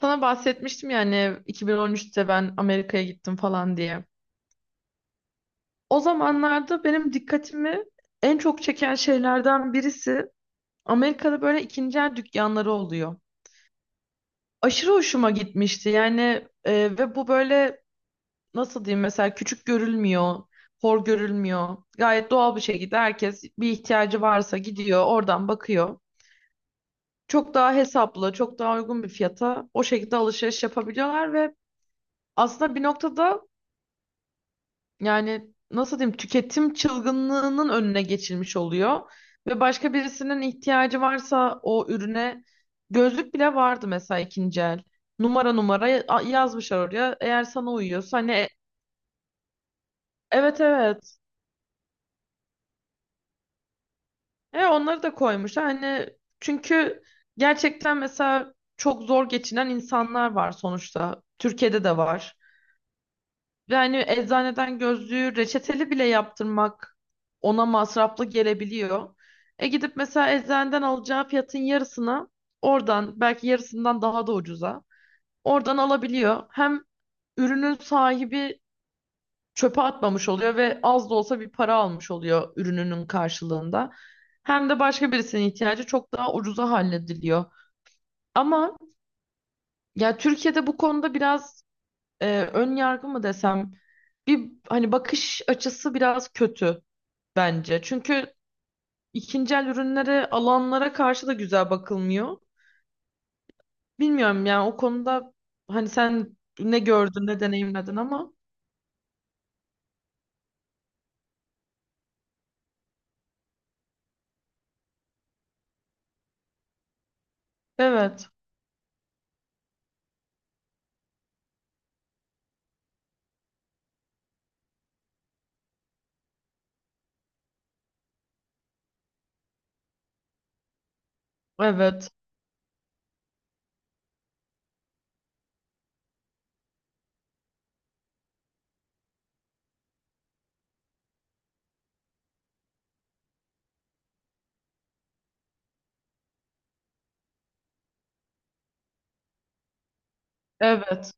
Sana bahsetmiştim yani 2013'te ben Amerika'ya gittim falan diye. O zamanlarda benim dikkatimi en çok çeken şeylerden birisi Amerika'da böyle ikinci el dükkanları oluyor. Aşırı hoşuma gitmişti yani e, ve bu böyle nasıl diyeyim mesela küçük görülmüyor, hor görülmüyor. Gayet doğal bir şekilde herkes bir ihtiyacı varsa gidiyor oradan bakıyor. Çok daha hesaplı, çok daha uygun bir fiyata o şekilde alışveriş yapabiliyorlar ve aslında bir noktada yani nasıl diyeyim tüketim çılgınlığının önüne geçilmiş oluyor ve başka birisinin ihtiyacı varsa o ürüne gözlük bile vardı mesela ikinci el. Numara numara yazmışlar oraya. Eğer sana uyuyorsa hani evet evet. E onları da koymuşlar. Hani çünkü gerçekten mesela çok zor geçinen insanlar var sonuçta. Türkiye'de de var. Yani eczaneden gözlüğü reçeteli bile yaptırmak ona masraflı gelebiliyor. E gidip mesela eczaneden alacağı fiyatın yarısını oradan belki yarısından daha da ucuza oradan alabiliyor. Hem ürünün sahibi çöpe atmamış oluyor ve az da olsa bir para almış oluyor ürününün karşılığında. Hem de başka birisinin ihtiyacı çok daha ucuza hallediliyor. Ama ya Türkiye'de bu konuda biraz ön yargı mı desem bir hani bakış açısı biraz kötü bence. Çünkü ikinci el ürünlere, alanlara karşı da güzel bakılmıyor. Bilmiyorum yani o konuda hani sen ne gördün, ne deneyimledin ama evet, evet, evet.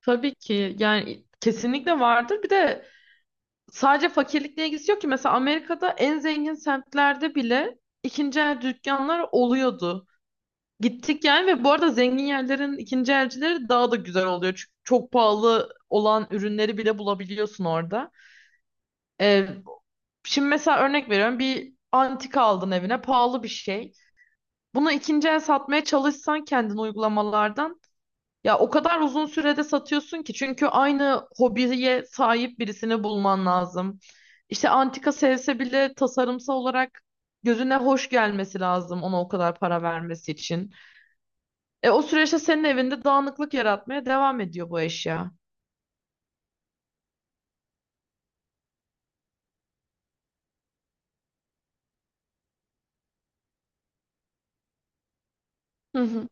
Tabii ki yani kesinlikle vardır. Bir de sadece fakirlikle ilgisi yok ki. Mesela Amerika'da en zengin semtlerde bile ikinci el dükkanlar oluyordu. Gittik yani ve bu arada zengin yerlerin ikinci elcileri daha da güzel oluyor. Çünkü çok pahalı olan ürünleri bile bulabiliyorsun orada. Ee, Şimdi mesela örnek veriyorum bir antika aldın evine pahalı bir şey. Bunu ikinci el satmaya çalışsan kendin uygulamalardan ya o kadar uzun sürede satıyorsun ki çünkü aynı hobiye sahip birisini bulman lazım. İşte antika sevse bile tasarımsal olarak gözüne hoş gelmesi lazım ona o kadar para vermesi için. O süreçte senin evinde dağınıklık yaratmaya devam ediyor bu eşya. Hı hı.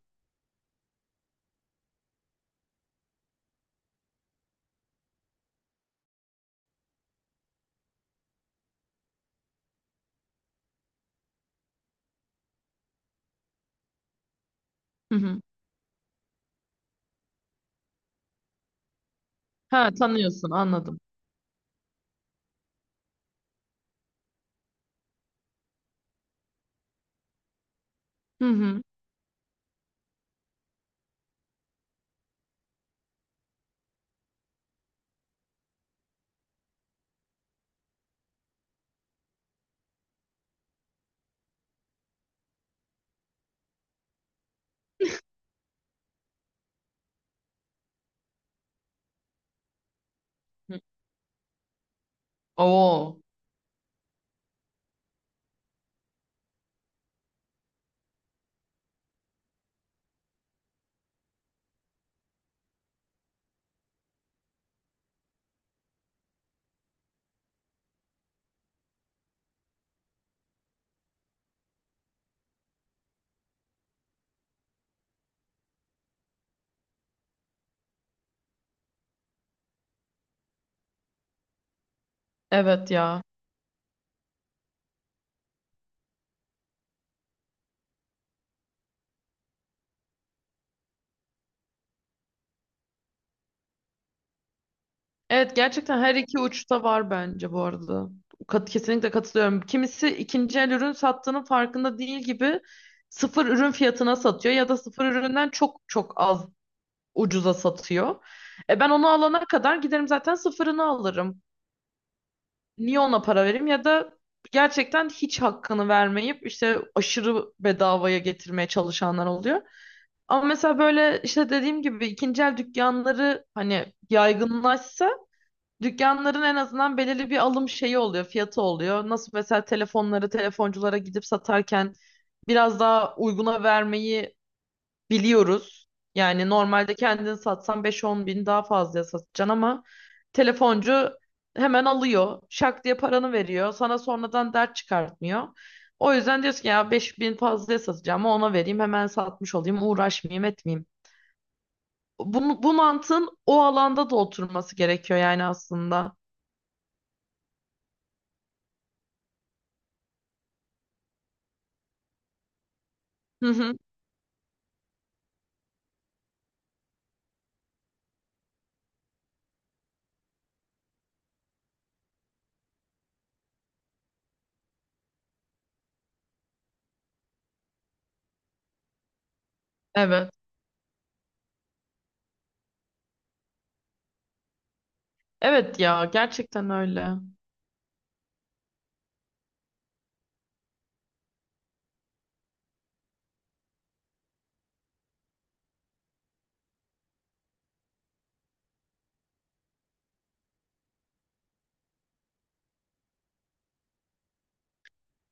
Hı hı. Ha, tanıyorsun anladım. Hı hı. Hı. Oo. Evet ya. Evet, gerçekten her iki uçta var bence bu arada. Kesinlikle katılıyorum. Kimisi ikinci el ürün sattığının farkında değil gibi sıfır ürün fiyatına satıyor ya da sıfır üründen çok çok az ucuza satıyor. E ben onu alana kadar giderim zaten sıfırını alırım. Niye ona para vereyim ya da gerçekten hiç hakkını vermeyip işte aşırı bedavaya getirmeye çalışanlar oluyor. Ama mesela böyle işte dediğim gibi ikinci el dükkanları hani yaygınlaşsa dükkanların en azından belirli bir alım şeyi oluyor, fiyatı oluyor. Nasıl mesela telefonları telefonculara gidip satarken biraz daha uyguna vermeyi biliyoruz. Yani normalde kendini satsan 5-10 bin daha fazla satacaksın ama telefoncu hemen alıyor. Şak diye paranı veriyor. Sana sonradan dert çıkartmıyor. O yüzden diyorsun ki ya 5 bin fazla satacağım ama ona vereyim hemen satmış olayım uğraşmayayım etmeyeyim. Bu mantığın o alanda da oturması gerekiyor yani aslında. Hı hı, evet. Evet ya, gerçekten öyle.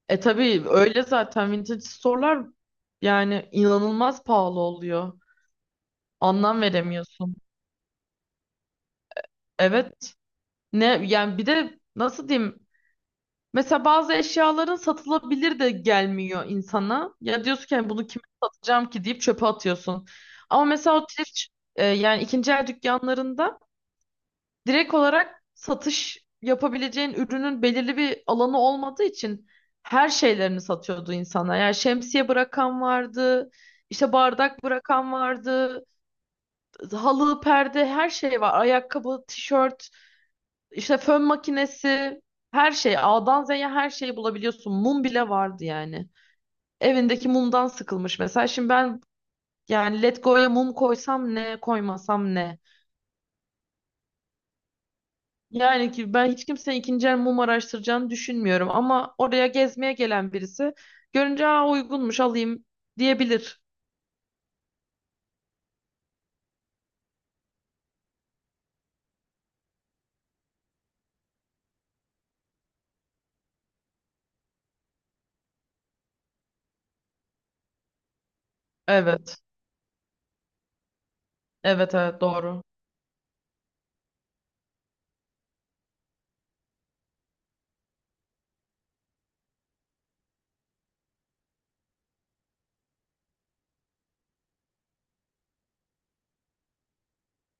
E tabii öyle zaten vintage store'lar yani inanılmaz pahalı oluyor. Anlam veremiyorsun. Evet. Ne yani bir de nasıl diyeyim? Mesela bazı eşyaların satılabilir de gelmiyor insana. Ya diyorsun ki "Yani bunu kime satacağım ki" deyip çöpe atıyorsun. Ama mesela o thrift, yani ikinci el dükkanlarında direkt olarak satış yapabileceğin ürünün belirli bir alanı olmadığı için her şeylerini satıyordu insana. Yani şemsiye bırakan vardı, işte bardak bırakan vardı, halı, perde her şey var. Ayakkabı, tişört. İşte fön makinesi, her şey, A'dan Z'ye her şeyi bulabiliyorsun. Mum bile vardı yani. Evindeki mumdan sıkılmış mesela. Şimdi ben yani Letgo'ya mum koysam ne, koymasam ne? Yani ki ben hiç kimsenin ikinci el mum araştıracağını düşünmüyorum ama oraya gezmeye gelen birisi görünce "Aa, uygunmuş, alayım" diyebilir. Evet. Evet evet doğru.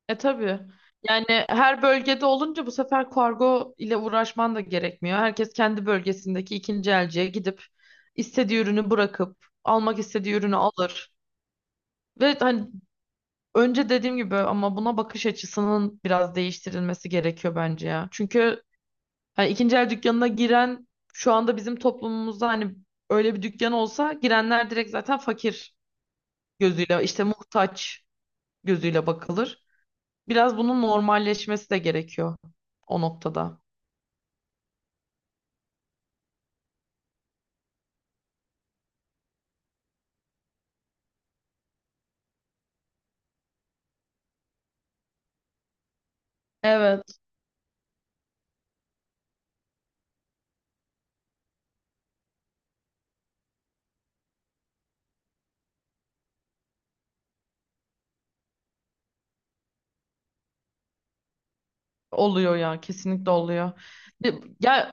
E tabii. Yani her bölgede olunca bu sefer kargo ile uğraşman da gerekmiyor. Herkes kendi bölgesindeki ikinci elciye gidip istediği ürünü bırakıp almak istediği ürünü alır. Ve hani önce dediğim gibi ama buna bakış açısının biraz değiştirilmesi gerekiyor bence ya. Çünkü hani ikinci el dükkanına giren şu anda bizim toplumumuzda hani öyle bir dükkan olsa girenler direkt zaten fakir gözüyle işte muhtaç gözüyle bakılır. Biraz bunun normalleşmesi de gerekiyor o noktada. Evet. Oluyor ya, kesinlikle oluyor. Ya,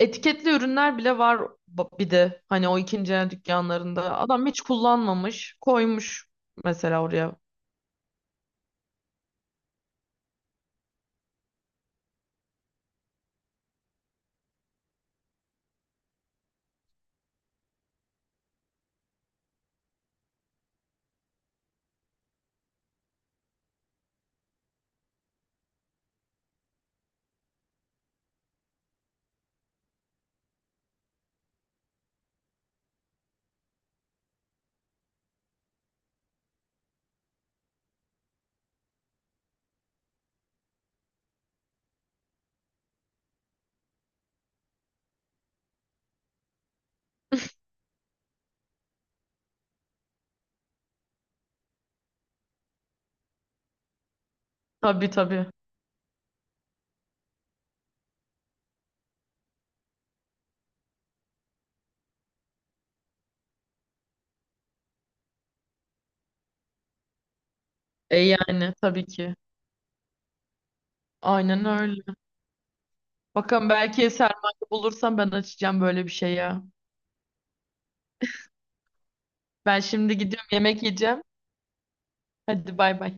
etiketli ürünler bile var, bir de hani o ikinci el dükkanlarında. Adam hiç kullanmamış koymuş mesela oraya. Tabii tabii. E yani tabii ki. Aynen öyle. Bakın, belki sermaye bulursam ben açacağım böyle bir şey ya. Ben şimdi gidiyorum, yemek yiyeceğim. Hadi, bay bay.